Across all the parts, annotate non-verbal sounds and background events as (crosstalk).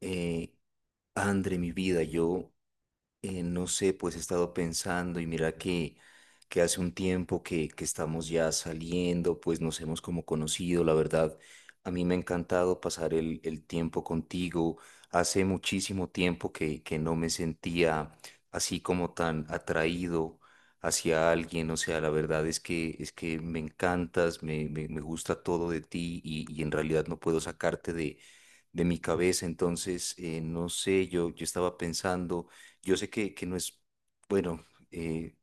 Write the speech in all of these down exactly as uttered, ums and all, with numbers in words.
Eh, André, mi vida, yo, eh, no sé, pues he estado pensando y mira que, que hace un tiempo que, que estamos ya saliendo, pues nos hemos como conocido, la verdad, a mí me ha encantado pasar el, el tiempo contigo. Hace muchísimo tiempo que, que no me sentía así como tan atraído hacia alguien. O sea, la verdad es que, es que me encantas, me, me, me gusta todo de ti, y, y en realidad no puedo sacarte de, de mi cabeza. Entonces, eh, no sé, yo, yo estaba pensando. Yo sé que, que no es, bueno, eh,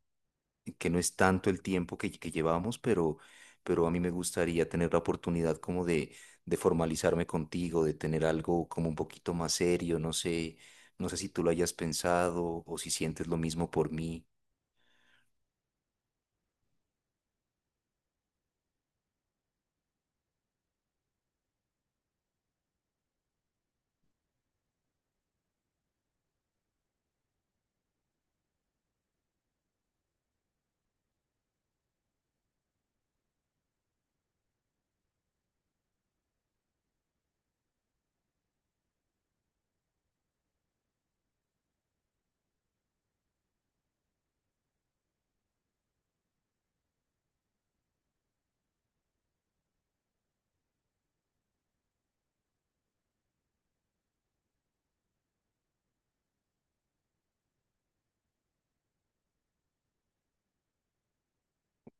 que no es tanto el tiempo que, que llevamos, pero, pero a mí me gustaría tener la oportunidad como de, de formalizarme contigo, de tener algo como un poquito más serio. No sé, no sé si tú lo hayas pensado o si sientes lo mismo por mí.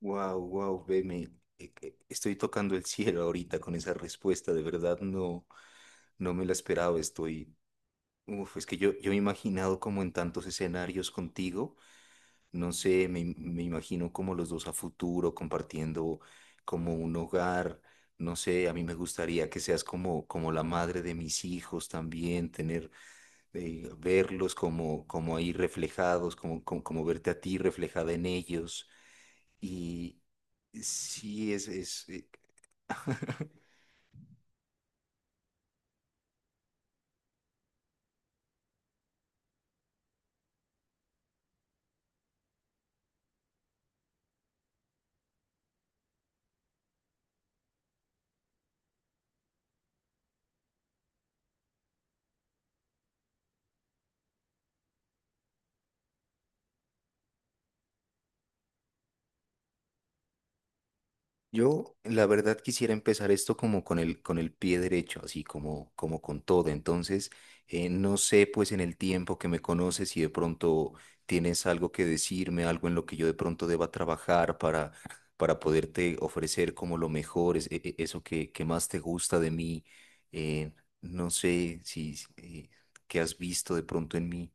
Wow, wow, ve, me- eh, eh, estoy tocando el cielo ahorita con esa respuesta. De verdad, no, no me la esperaba. Estoy, uf, es que yo, yo me he imaginado como en tantos escenarios contigo. No sé, me, me imagino como los dos a futuro compartiendo como un hogar. No sé, a mí me gustaría que seas como, como la madre de mis hijos también. Tener, eh, verlos como, como ahí reflejados, como, como, como verte a ti reflejada en ellos. Y sí, es, es, eh, (laughs) yo, la verdad, quisiera empezar esto como con el, con el pie derecho, así como, como con todo. Entonces, eh, no sé, pues en el tiempo que me conoces, si de pronto tienes algo que decirme, algo en lo que yo de pronto deba trabajar para, para poderte ofrecer como lo mejor, es- e- e- eso que, que más te gusta de mí. eh, no sé si, si, eh, qué has visto de pronto en mí.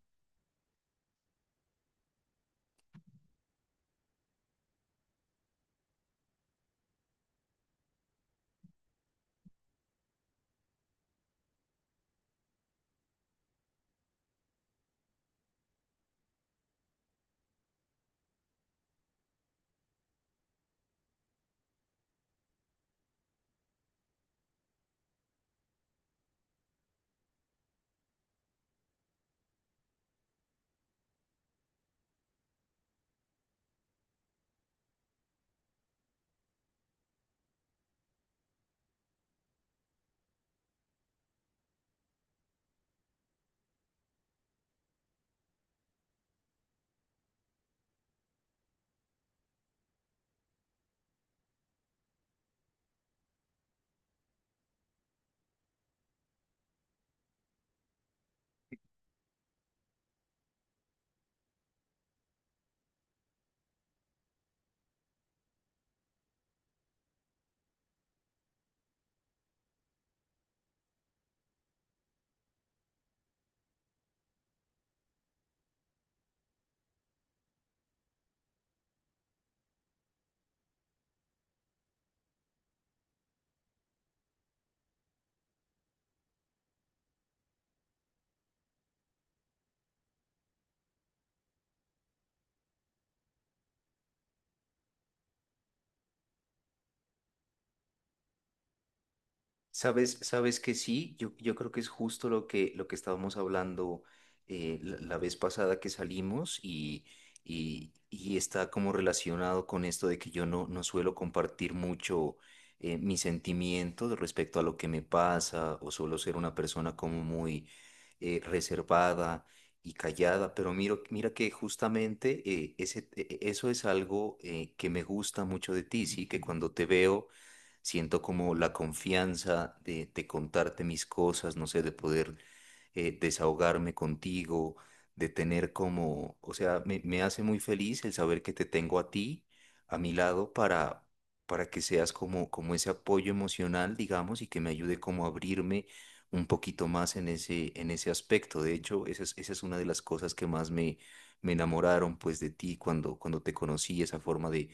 Sabes, sabes que sí, yo, yo creo que es justo lo que, lo que estábamos hablando eh, la, la vez pasada que salimos, y, y, y está como relacionado con esto de que yo no, no suelo compartir mucho eh, mis sentimientos respecto a lo que me pasa, o suelo ser una persona como muy eh, reservada y callada. Pero miro, mira que justamente eh, ese, e- e- eso es algo eh, que me gusta mucho de ti, sí, que cuando te veo siento como la confianza de, de contarte mis cosas. No sé, de poder eh, desahogarme contigo, de tener como, o sea, me, me hace muy feliz el saber que te tengo a ti, a mi lado, para, para que seas como, como ese apoyo emocional, digamos, y que me ayude como a abrirme un poquito más en ese, en ese aspecto. De hecho, esa es, esa es una de las cosas que más me, me enamoraron pues de ti cuando, cuando te conocí, esa forma de,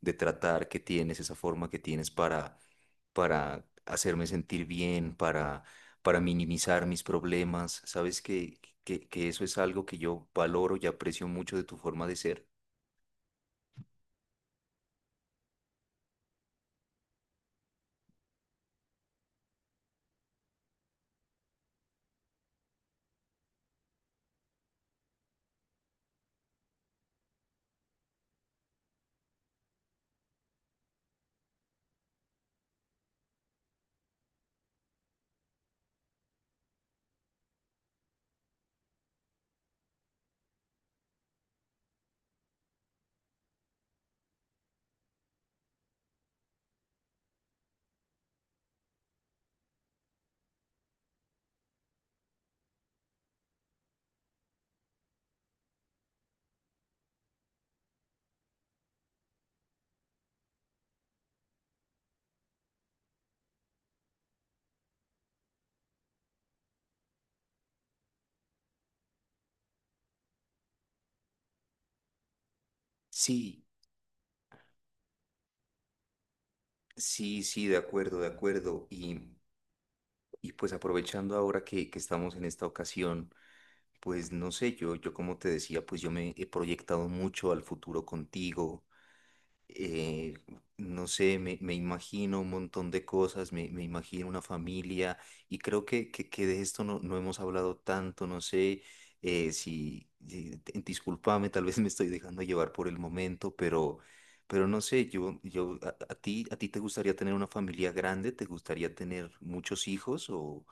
de tratar que tienes, esa forma que tienes para, para hacerme sentir bien, para para minimizar mis problemas. Sabes que, que, que eso es algo que yo valoro y aprecio mucho de tu forma de ser. Sí, sí, sí, de acuerdo, de acuerdo. Y, y pues aprovechando ahora que, que estamos en esta ocasión, pues no sé, yo, yo como te decía, pues yo me he proyectado mucho al futuro contigo. eh, no sé, me, me imagino un montón de cosas, me, me imagino una familia, y creo que, que, que de esto no, no hemos hablado tanto. No sé eh, si, si- eh, te- discúlpame, tal vez me estoy dejando llevar por el momento, pero, pero no sé, yo, yo, a, a ti, a ti te gustaría tener una familia grande, te gustaría tener muchos hijos, o,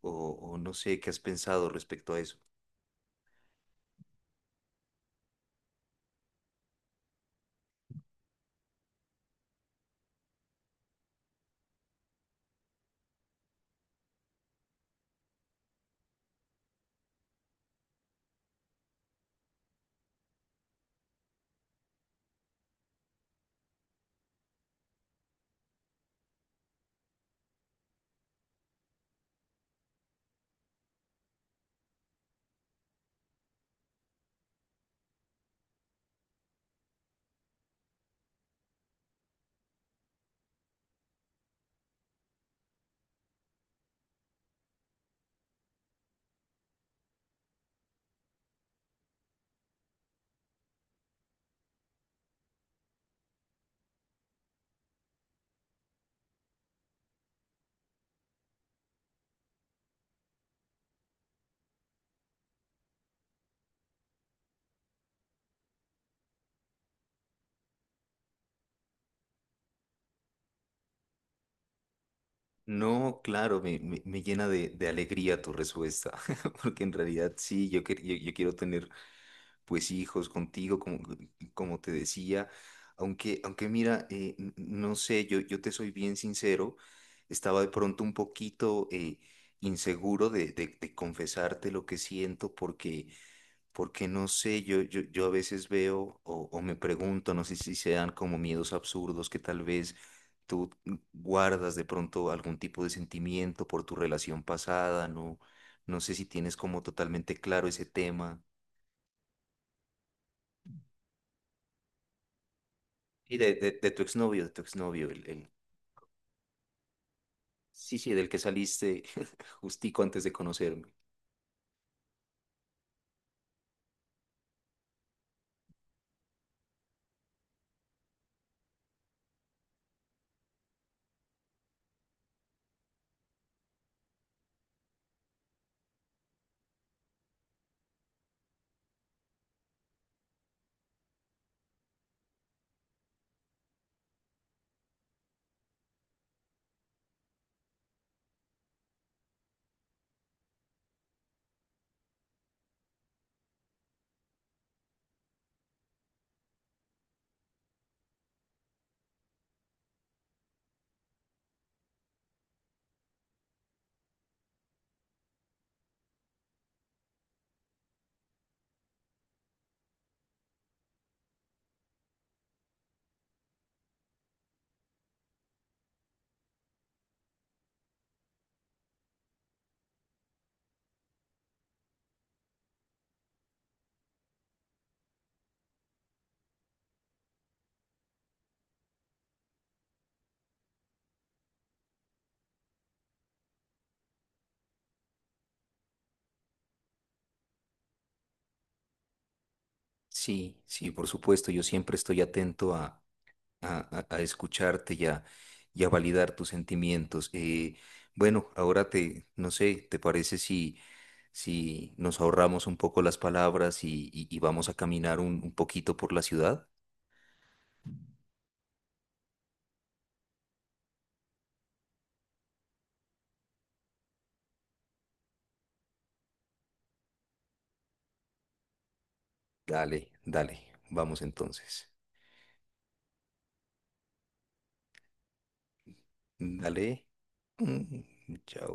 o, o no sé, ¿qué has pensado respecto a eso? No, claro, me, me- me llena de, de alegría tu respuesta, (laughs) porque en realidad sí, yo, que- yo, yo quiero tener pues hijos contigo, como, como te decía. Aunque, aunque mira, eh, n- no sé, yo, yo te soy bien sincero, estaba de pronto un poquito eh, inseguro de, de, de confesarte lo que siento, porque porque no sé, yo, yo, yo a veces veo, o, o me pregunto, no sé si sean como miedos absurdos que tal vez tú guardas de pronto algún tipo de sentimiento por tu relación pasada. No, no sé si tienes como totalmente claro ese tema. Y de, de, de tu exnovio, de tu exnovio, el, el, sí, sí, del que saliste (laughs) justico antes de conocerme. Sí, sí, por supuesto, yo siempre estoy atento a a, a- a escucharte y a, y a validar tus sentimientos. Eh, bueno, ahora te, no sé, ¿te parece si, si nos ahorramos un poco las palabras y, y- y vamos a caminar un, un poquito por la ciudad? Dale, dale, vamos entonces. Dale. Mm, chao.